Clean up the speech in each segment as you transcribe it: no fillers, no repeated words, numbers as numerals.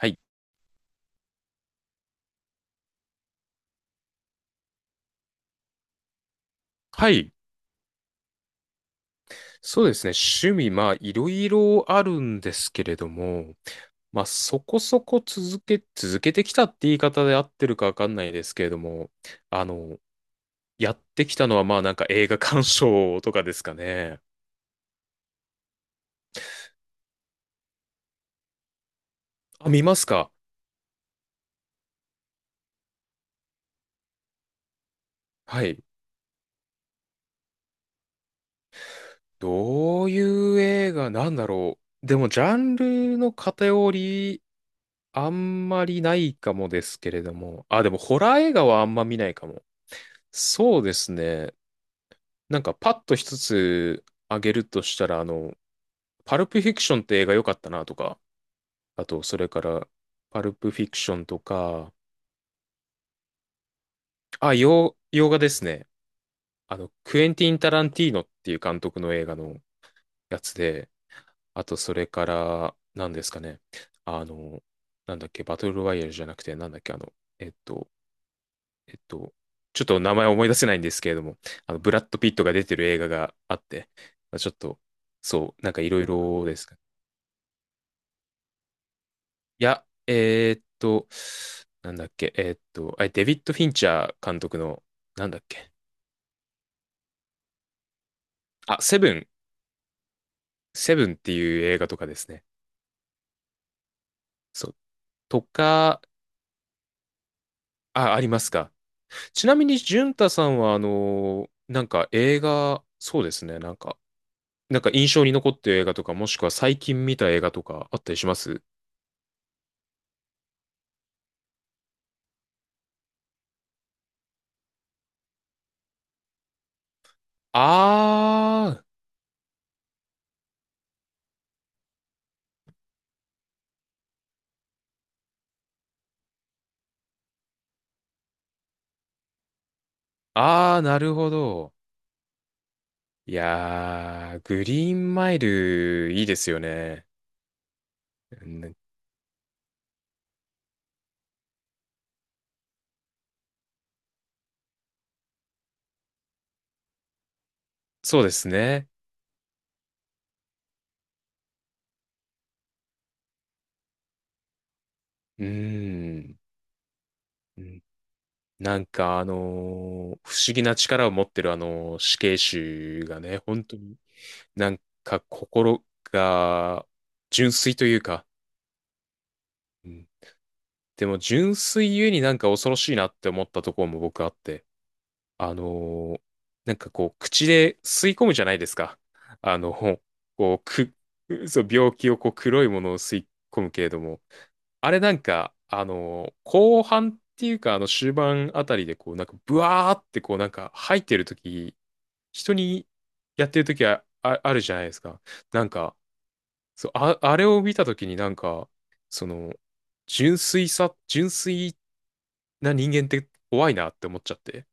はい。はい。そうですね。趣味、まあ、いろいろあるんですけれども、まあ、そこそこ続けてきたって言い方で合ってるかわかんないですけれども、あの、やってきたのは、まあ、なんか映画鑑賞とかですかね。あ、見ますか？はい。どういう映画なんだろう。でも、ジャンルの偏り、あんまりないかもですけれども。あ、でも、ホラー映画はあんま見ないかも。そうですね。なんかパッと一つ挙げるとしたら、パルプフィクションって映画良かったなとか、あと、それから、パルプフィクションとか、あ、洋画ですね。クエンティン・タランティーノっていう監督の映画のやつで、あと、それから、何ですかね。あの、なんだっけ、バトルロワイヤルじゃなくて、なんだっけ、えっと、えっと、ちょっと名前思い出せないんですけれども、ブラッド・ピットが出てる映画があって、まあちょっと、そう、なんかいろいろです。いや、なんだっけ、あれ、デビッド・フィンチャー監督の、なんだっけ、あ、セブンっていう映画とかですね。そう。とか、あ、ありますか。ちなみに、淳太さんは、なんか映画、そうですね、なんか印象に残ってる映画とか、もしくは最近見た映画とかあったりします？あー、あー、なるほど。いやー、グリーンマイル、いいですよね。うん。そうですね。うーん。うん。なんか不思議な力を持ってるあの死刑囚がね、本当になんか心が純粋というか、うん。でも純粋ゆえになんか恐ろしいなって思ったところも僕あって、あのーなんかこう、口で吸い込むじゃないですか。あの、こう、そう、病気をこう、黒いものを吸い込むけれども、あれなんか、後半っていうか、終盤あたりでこう、なんか、ブワーってこう、なんか、吐いてるとき、人にやってるときは、あ、あるじゃないですか。なんか、そう、あ、あれを見たときになんか、その、純粋さ、純粋な人間って怖いなって思っちゃって。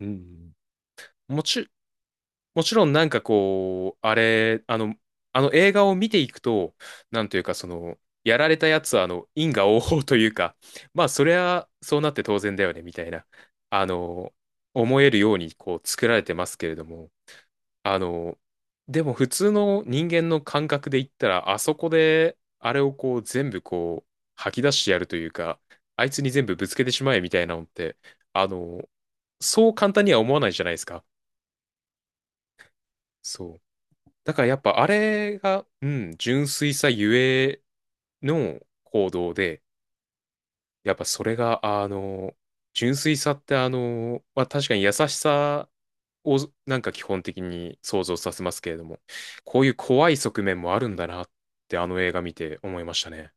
うん。もち、もちろんなんかこう、あれ、あの映画を見ていくと、なんというかその、やられたやつは因果応報というか、まあそりゃそうなって当然だよね、みたいな、あの、思えるようにこう作られてますけれども、あの、でも普通の人間の感覚で言ったら、あそこで、あれをこう全部こう、吐き出してやるというか、あいつに全部ぶつけてしまえみたいなのって、あの、そう簡単には思わないじゃないですか。そう。だからやっぱあれが、うん、純粋さゆえの行動で、やっぱそれが、純粋さってまあ、確かに優しさをなんか基本的に想像させますけれども、こういう怖い側面もあるんだなってあの映画見て思いましたね。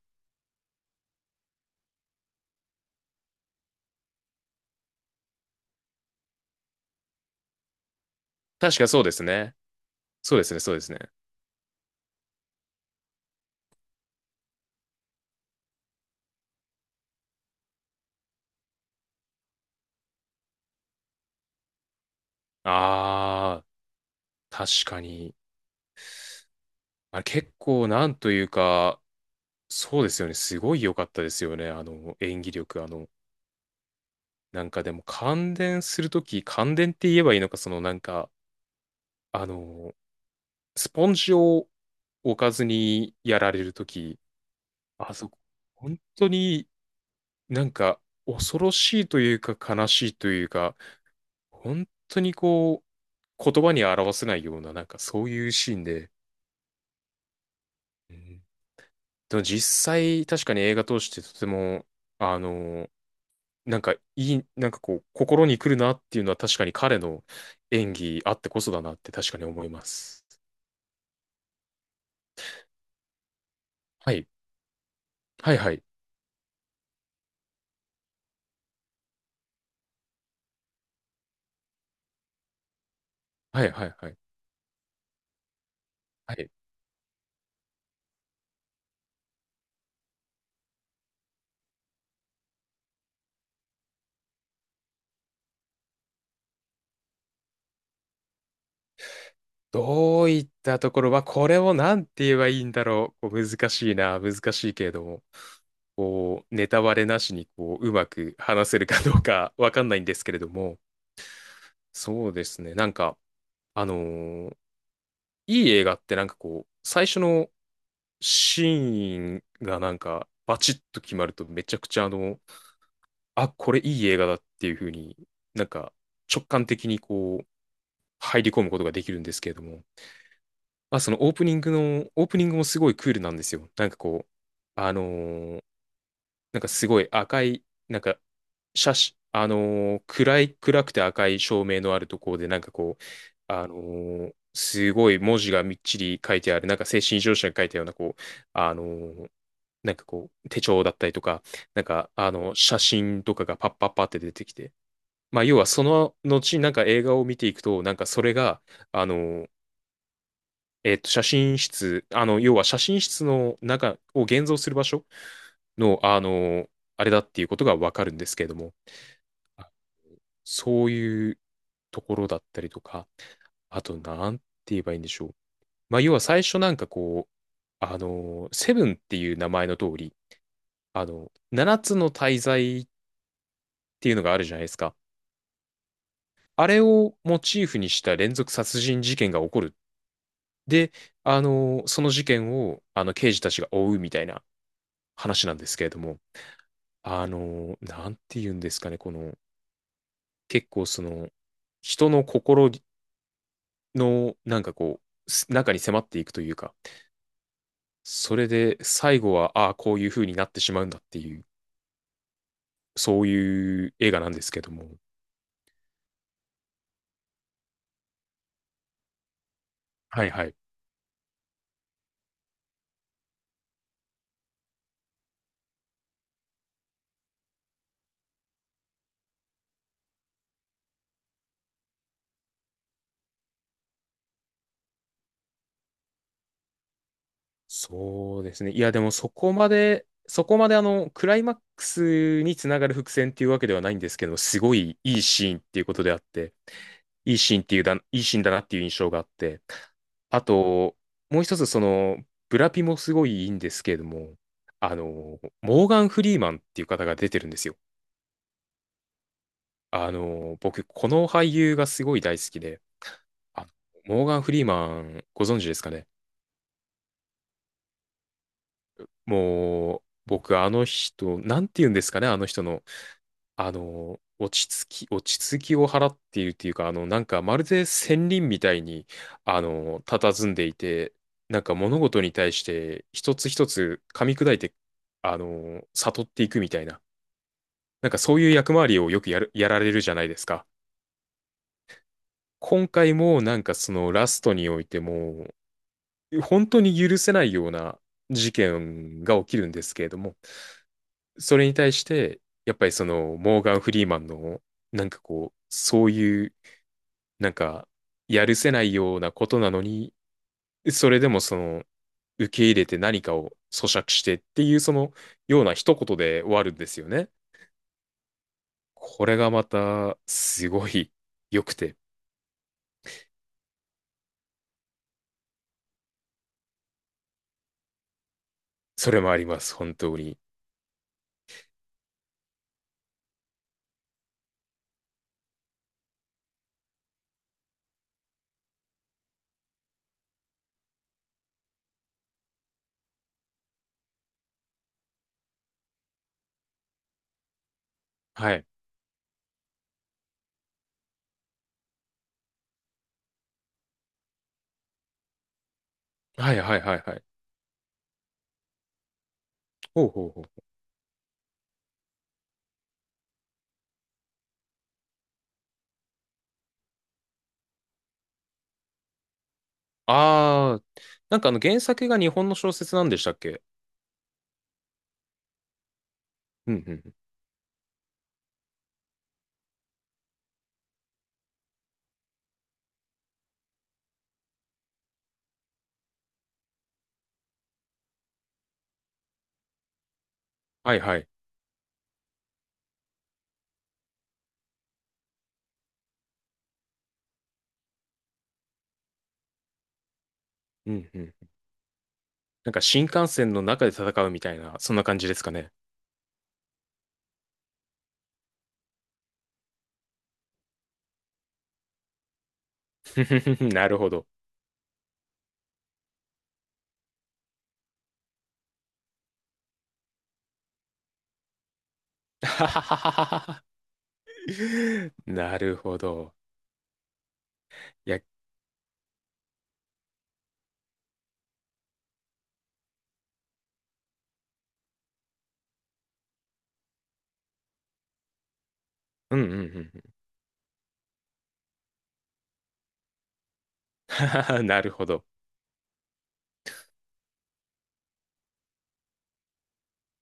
確かそうですね。そうですね、そうですね。あー、確かに。あれ結構なんというか、そうですよね。すごい良かったですよね。演技力、なんかでも感電するとき、感電って言えばいいのか、そのなんか、あの、スポンジを置かずにやられるとき、あそこ、本当になんか恐ろしいというか悲しいというか、本当にこう、言葉に表せないような、なんかそういうシーンで、うん。でも実際確かに映画通してとても、あの、なんかいい、なんかこう、心に来るなっていうのは確かに彼の演技あってこそだなって確かに思います。はい。はいはい。はいはいはい。はい。どういったところは、これをなんて言えばいいんだろう。こう難しいな、難しいけれども、こう、ネタバレなしに、こう、うまく話せるかどうか わかんないんですけれども、そうですね。なんか、あのーいい映画ってなんかこう、最初のシーンがなんか、バチッと決まるとめちゃくちゃあ、これいい映画だっていう風になんか直感的にこう、入り込むことができるんですけれども、まあ、そのオープニングもすごいクールなんですよ。なんかこう、あのーなんかすごい赤い、なんか、写真、暗くて赤い照明のあるところで、なんかこう、すごい文字がみっちり書いてある、なんか精神異常者が書いたような、こう、あのーなんかこう、手帳だったりとか、なんか、写真とかがパッパッパって出てきて、まあ、要はその後、なんか映画を見ていくと、なんかそれが、あの写真室、あの、要は写真室の中を現像する場所の、あれだっていうことがわかるんですけれども、あそういうところだったりとか、あと、なんて言えばいいんでしょう。まあ、要は最初なんかこう、セブンっていう名前の通り、七つの大罪っていうのがあるじゃないですか。あれをモチーフにした連続殺人事件が起こる。で、その事件を、刑事たちが追うみたいな話なんですけれども、なんて言うんですかね、この、結構その、人の心の、なんかこう、す中に迫っていくというか、それで最後は、ああ、こういう風になってしまうんだっていう、そういう映画なんですけども、はいはい。そうですね。いや、でもそこまでクライマックスにつながる伏線っていうわけではないんですけど、すごいいいシーンっていうことであって、いいシーンだなっていう印象があって、あと、もう一つその、ブラピもすごいいいんですけれども、あの、モーガン・フリーマンっていう方が出てるんですよ。僕、この俳優がすごい大好きで、あモーガン・フリーマン、ご存知ですかね？もう、僕、あの人、なんて言うんですかね、あの人の。落ち着きを払っているっていうか、なんかまるで仙人みたいに、佇んでいて、なんか物事に対して一つ一つ噛み砕いて、悟っていくみたいな、なんかそういう役回りをよくやる、やられるじゃないですか。今回もなんかそのラストにおいても、本当に許せないような事件が起きるんですけれども、それに対して、やっぱりそのモーガン・フリーマンの、なんかこう、そういうなんか、やるせないようなことなのに、それでもその、受け入れて何かを咀嚼してっていう、その、ような一言で終わるんですよね。これがまた、すごい良くて、それもあります、本当に。はい。はいはいはいはい。ほうほうほう。あー、なんかあの原作が日本の小説なんでしたっけ？うんうんうん。はいはい。うんうん。なんか新幹線の中で戦うみたいな、そんな感じですかね。ふふふ。なるほど。なるほど。いや、うんうんうんうん。なるほど。